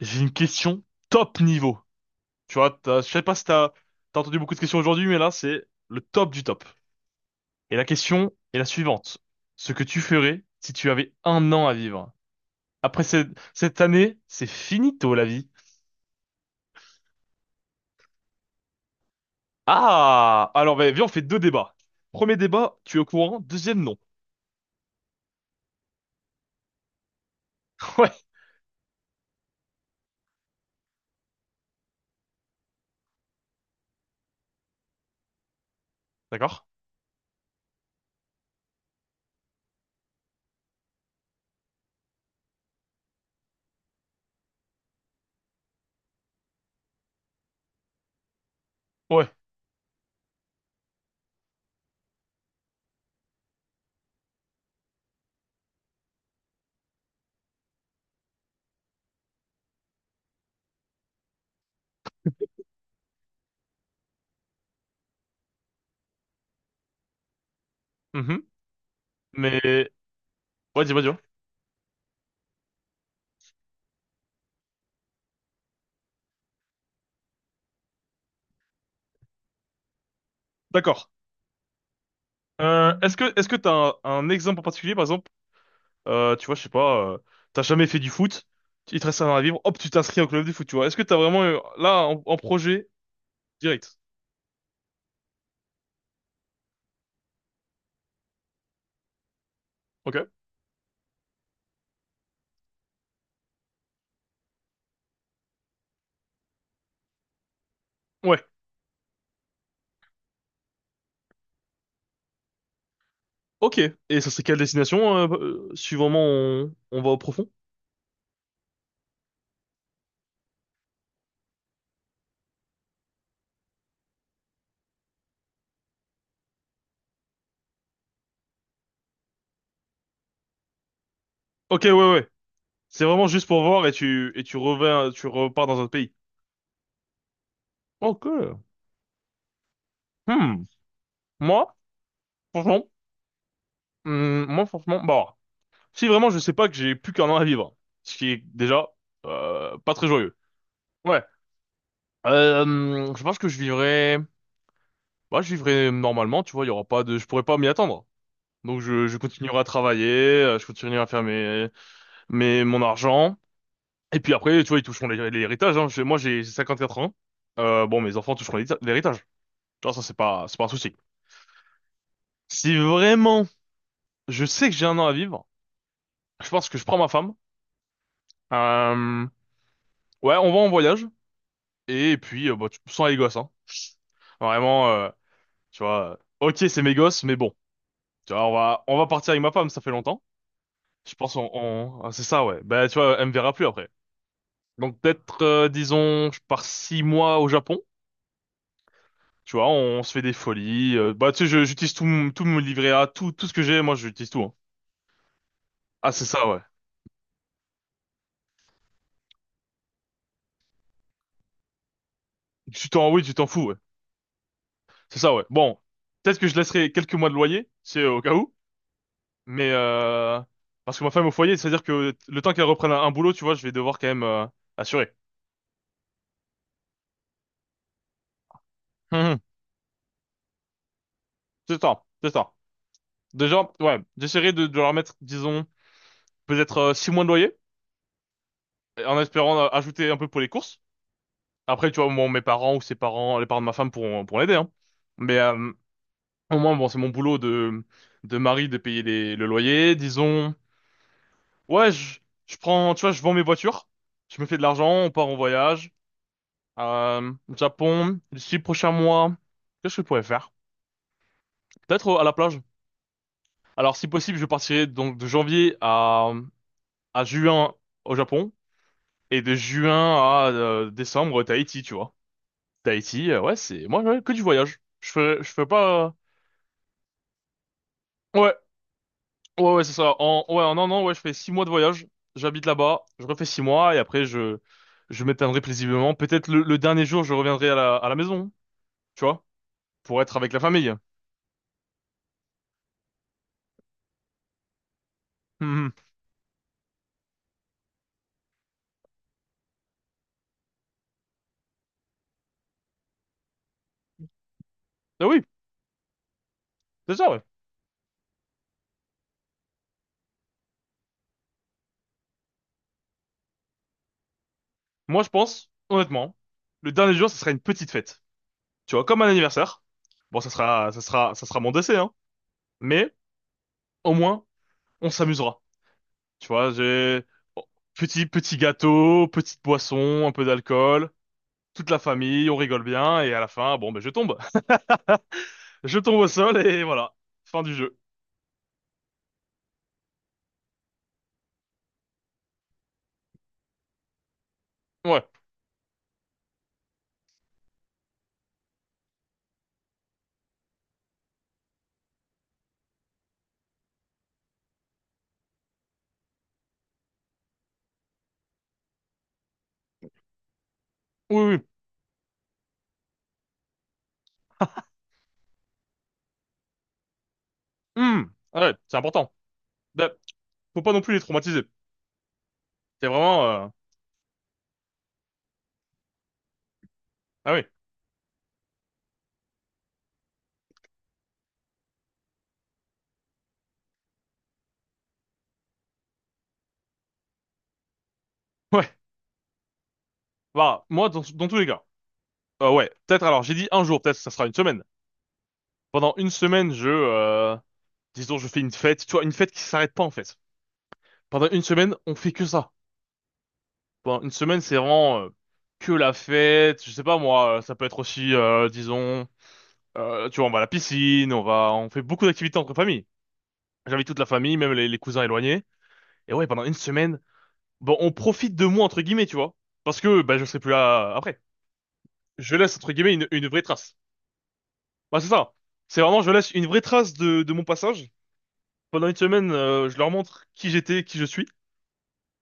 J'ai une question top niveau. Tu vois, je sais pas si t'as entendu beaucoup de questions aujourd'hui, mais là, c'est le top du top. Et la question est la suivante. Ce que tu ferais si tu avais un an à vivre. Après cette année, c'est finito la vie. Ah! Alors, bah, viens, on fait deux débats. Premier débat, tu es au courant. Deuxième, non. Ouais, d'accord. Ouais. Mhm. Mais, ouais, dis-moi, dis-moi. D'accord. Est-ce que t'as un exemple en particulier, par exemple? Tu vois, je sais pas, t'as jamais fait du foot, il te reste un an à vivre, hop, tu t'inscris au club de foot, tu vois. Est-ce que t'as vraiment, là, en projet, direct? Ok. Ouais. Ok. Et ça serait quelle destination, si on va au profond? Ok, ouais, ouais. C'est vraiment juste pour voir et tu reviens, tu repars dans un autre pays. Ok. Hmm. Moi, franchement, Moi, franchement, bon. Si vraiment je sais pas que j'ai plus qu'un an à vivre, ce qui est déjà, pas très joyeux. Ouais. Je pense que je vivrais Bah, je vivrai normalement, tu vois, il y aura pas je pourrais pas m'y attendre. Donc, je continuerai à travailler, je continuerai à faire mon argent. Et puis après, tu vois, ils toucheront l'héritage, hein. Moi, j'ai 54 ans. Bon, mes enfants toucheront l'héritage. Tu vois, ça, c'est pas un souci. Si vraiment, je sais que j'ai un an à vivre, je pense que je prends ma femme. Euh, ouais, on va en voyage. Et puis, bah, sans les gosses, hein. Vraiment, tu vois, ok, c'est mes gosses, mais bon. Tu vois, on va partir avec ma femme, ça fait longtemps. Je pense on- Ah, c'est ça, ouais. Bah, tu vois, elle me verra plus après. Donc, peut-être disons je pars 6 mois au Japon. Tu vois, se fait des folies. Bah, tu sais, tout mon livret A, tout ce que j'ai, moi j'utilise tout, hein. Ah, c'est ça, ouais. Tu t'en oui tu t'en fous, ouais. C'est ça, ouais. Bon, peut-être que je laisserai quelques mois de loyer, c'est au cas où. Mais, parce que ma femme est au foyer, c'est-à-dire que le temps qu'elle reprenne un boulot, tu vois, je vais devoir quand même assurer. Hum, hum. C'est ça, c'est ça. Déjà, ouais, j'essaierai de leur mettre, disons peut-être 6 mois de loyer. En espérant ajouter un peu pour les courses. Après, tu vois, bon, mes parents ou ses parents, les parents de ma femme pourront l'aider, hein. Mais, au moins, bon, c'est mon boulot de mari de payer le loyer. Disons, ouais, je prends, tu vois, je vends mes voitures, je me fais de l'argent, on part en voyage, Japon, d'ici le prochain mois. Qu'est-ce que je pourrais faire? Peut-être à la plage. Alors, si possible, je partirai donc de janvier à juin au Japon et de juin à décembre, Tahiti, tu vois. Tahiti, ouais, c'est moi, ouais, que du voyage. Je fais pas. Ouais, ouais, ouais, c'est ça. Ouais, en un an, ouais, je fais 6 mois de voyage. J'habite là-bas, je refais 6 mois et après je m'éteindrai plaisiblement. Peut-être le dernier jour, je reviendrai à la maison, tu vois, pour être avec la famille. Mhm. Ah, oui, c'est ça, ouais. Moi, je pense, honnêtement, le dernier jour, ce sera une petite fête, tu vois, comme un anniversaire. Bon, ça sera mon décès, hein. Mais au moins, on s'amusera. Tu vois, j'ai bon, petit gâteau, petite boisson, un peu d'alcool, toute la famille, on rigole bien et à la fin, bon, ben, je tombe. Je tombe au sol et voilà, fin du jeu. Ouais. Oui, oui. Hmm. Ouais, c'est important. Ben, faut pas non plus les traumatiser. C'est vraiment. Ah, oui. Ouais. Bah, moi, dans tous les cas. Ouais, peut-être alors j'ai dit un jour, peut-être ça sera une semaine. Pendant une semaine, je disons je fais une fête, tu vois, une fête qui s'arrête pas en fait. Pendant une semaine, on fait que ça. Bon, une semaine, c'est vraiment que la fête. Je sais pas moi, ça peut être aussi, disons, tu vois, on va à la piscine, on fait beaucoup d'activités entre familles. J'invite toute la famille, même les cousins éloignés. Et ouais, pendant une semaine, bon, on profite de moi entre guillemets, tu vois, parce que bah je serai plus là après. Je laisse entre guillemets une vraie trace. Bah, c'est ça. C'est vraiment, je laisse une vraie trace de mon passage. Pendant une semaine, je leur montre qui j'étais, qui je suis.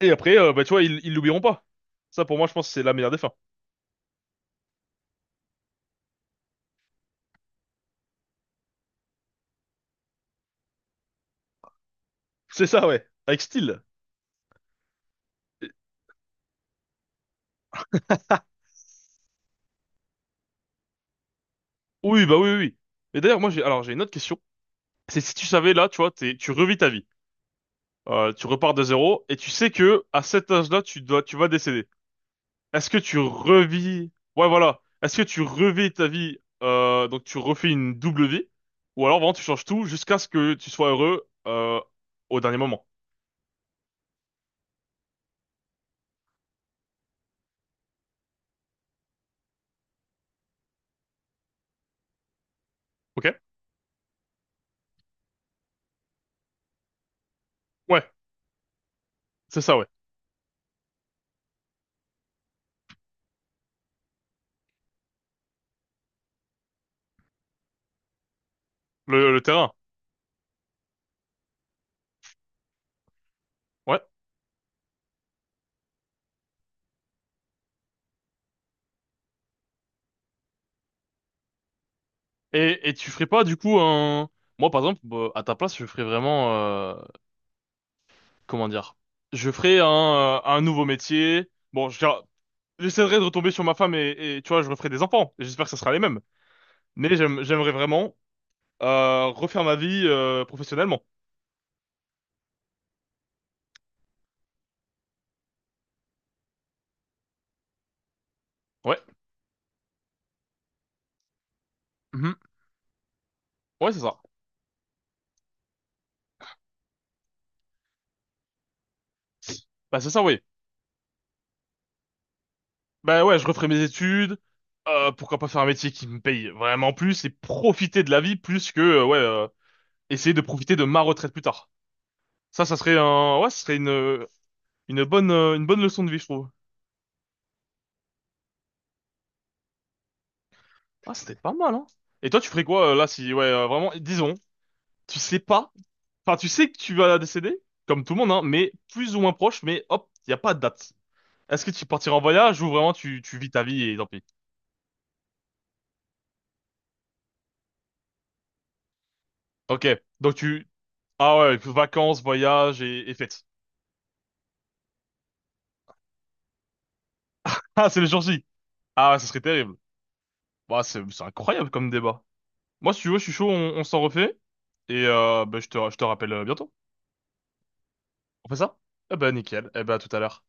Et après, bah, tu vois, ils l'oublieront pas. Ça, pour moi, je pense que c'est la meilleure des fins. C'est ça, ouais, avec style. Oui, bah oui, oui. Oui. Et d'ailleurs, moi, alors, j'ai une autre question. C'est si tu savais, là, tu vois, tu revis ta vie. Tu repars de zéro et tu sais que, à cet âge-là, tu vas décéder. Est-ce que tu revis, ouais, voilà. Est-ce que tu revis ta vie, donc tu refais une double vie? Ou alors, vraiment, tu changes tout jusqu'à ce que tu sois heureux, au dernier moment. Ok? Ouais, c'est ça, ouais. Le terrain. Ouais. Et tu ferais pas, du coup, moi, par exemple, bah, à ta place, je ferais vraiment, comment dire, je ferai un nouveau métier. Bon, j'essaierai de retomber sur ma femme et, tu vois, je referai des enfants. Et j'espère que ça sera les mêmes. Mais j'aimerais vraiment refaire ma vie professionnellement. Ouais. Mhm. Ouais, c'est ça. Bah, c'est ça, oui. Bah, ouais, je referai mes études. Pourquoi pas faire un métier qui me paye vraiment plus et profiter de la vie plus que, ouais, essayer de profiter de ma retraite plus tard. Ça serait ouais, ça serait une bonne leçon de vie, je trouve. Ah, c'était pas mal, hein. Et toi, tu ferais quoi, là, si, ouais, vraiment, disons, tu sais pas, enfin tu sais que tu vas décéder, comme tout le monde, hein, mais plus ou moins proche, mais hop, il n'y a pas de date. Est-ce que tu partiras en voyage ou vraiment tu vis ta vie et tant pis? Ok, donc tu. Ah, ouais, vacances, voyage et fêtes. Ah, c'est le jour J. Ah, ouais, ça serait terrible. Bah, c'est incroyable comme débat. Moi, si tu veux, je suis chaud, on s'en refait. Et, bah, je te rappelle bientôt. On fait ça? Eh ben, nickel. Eh ben, à tout à l'heure.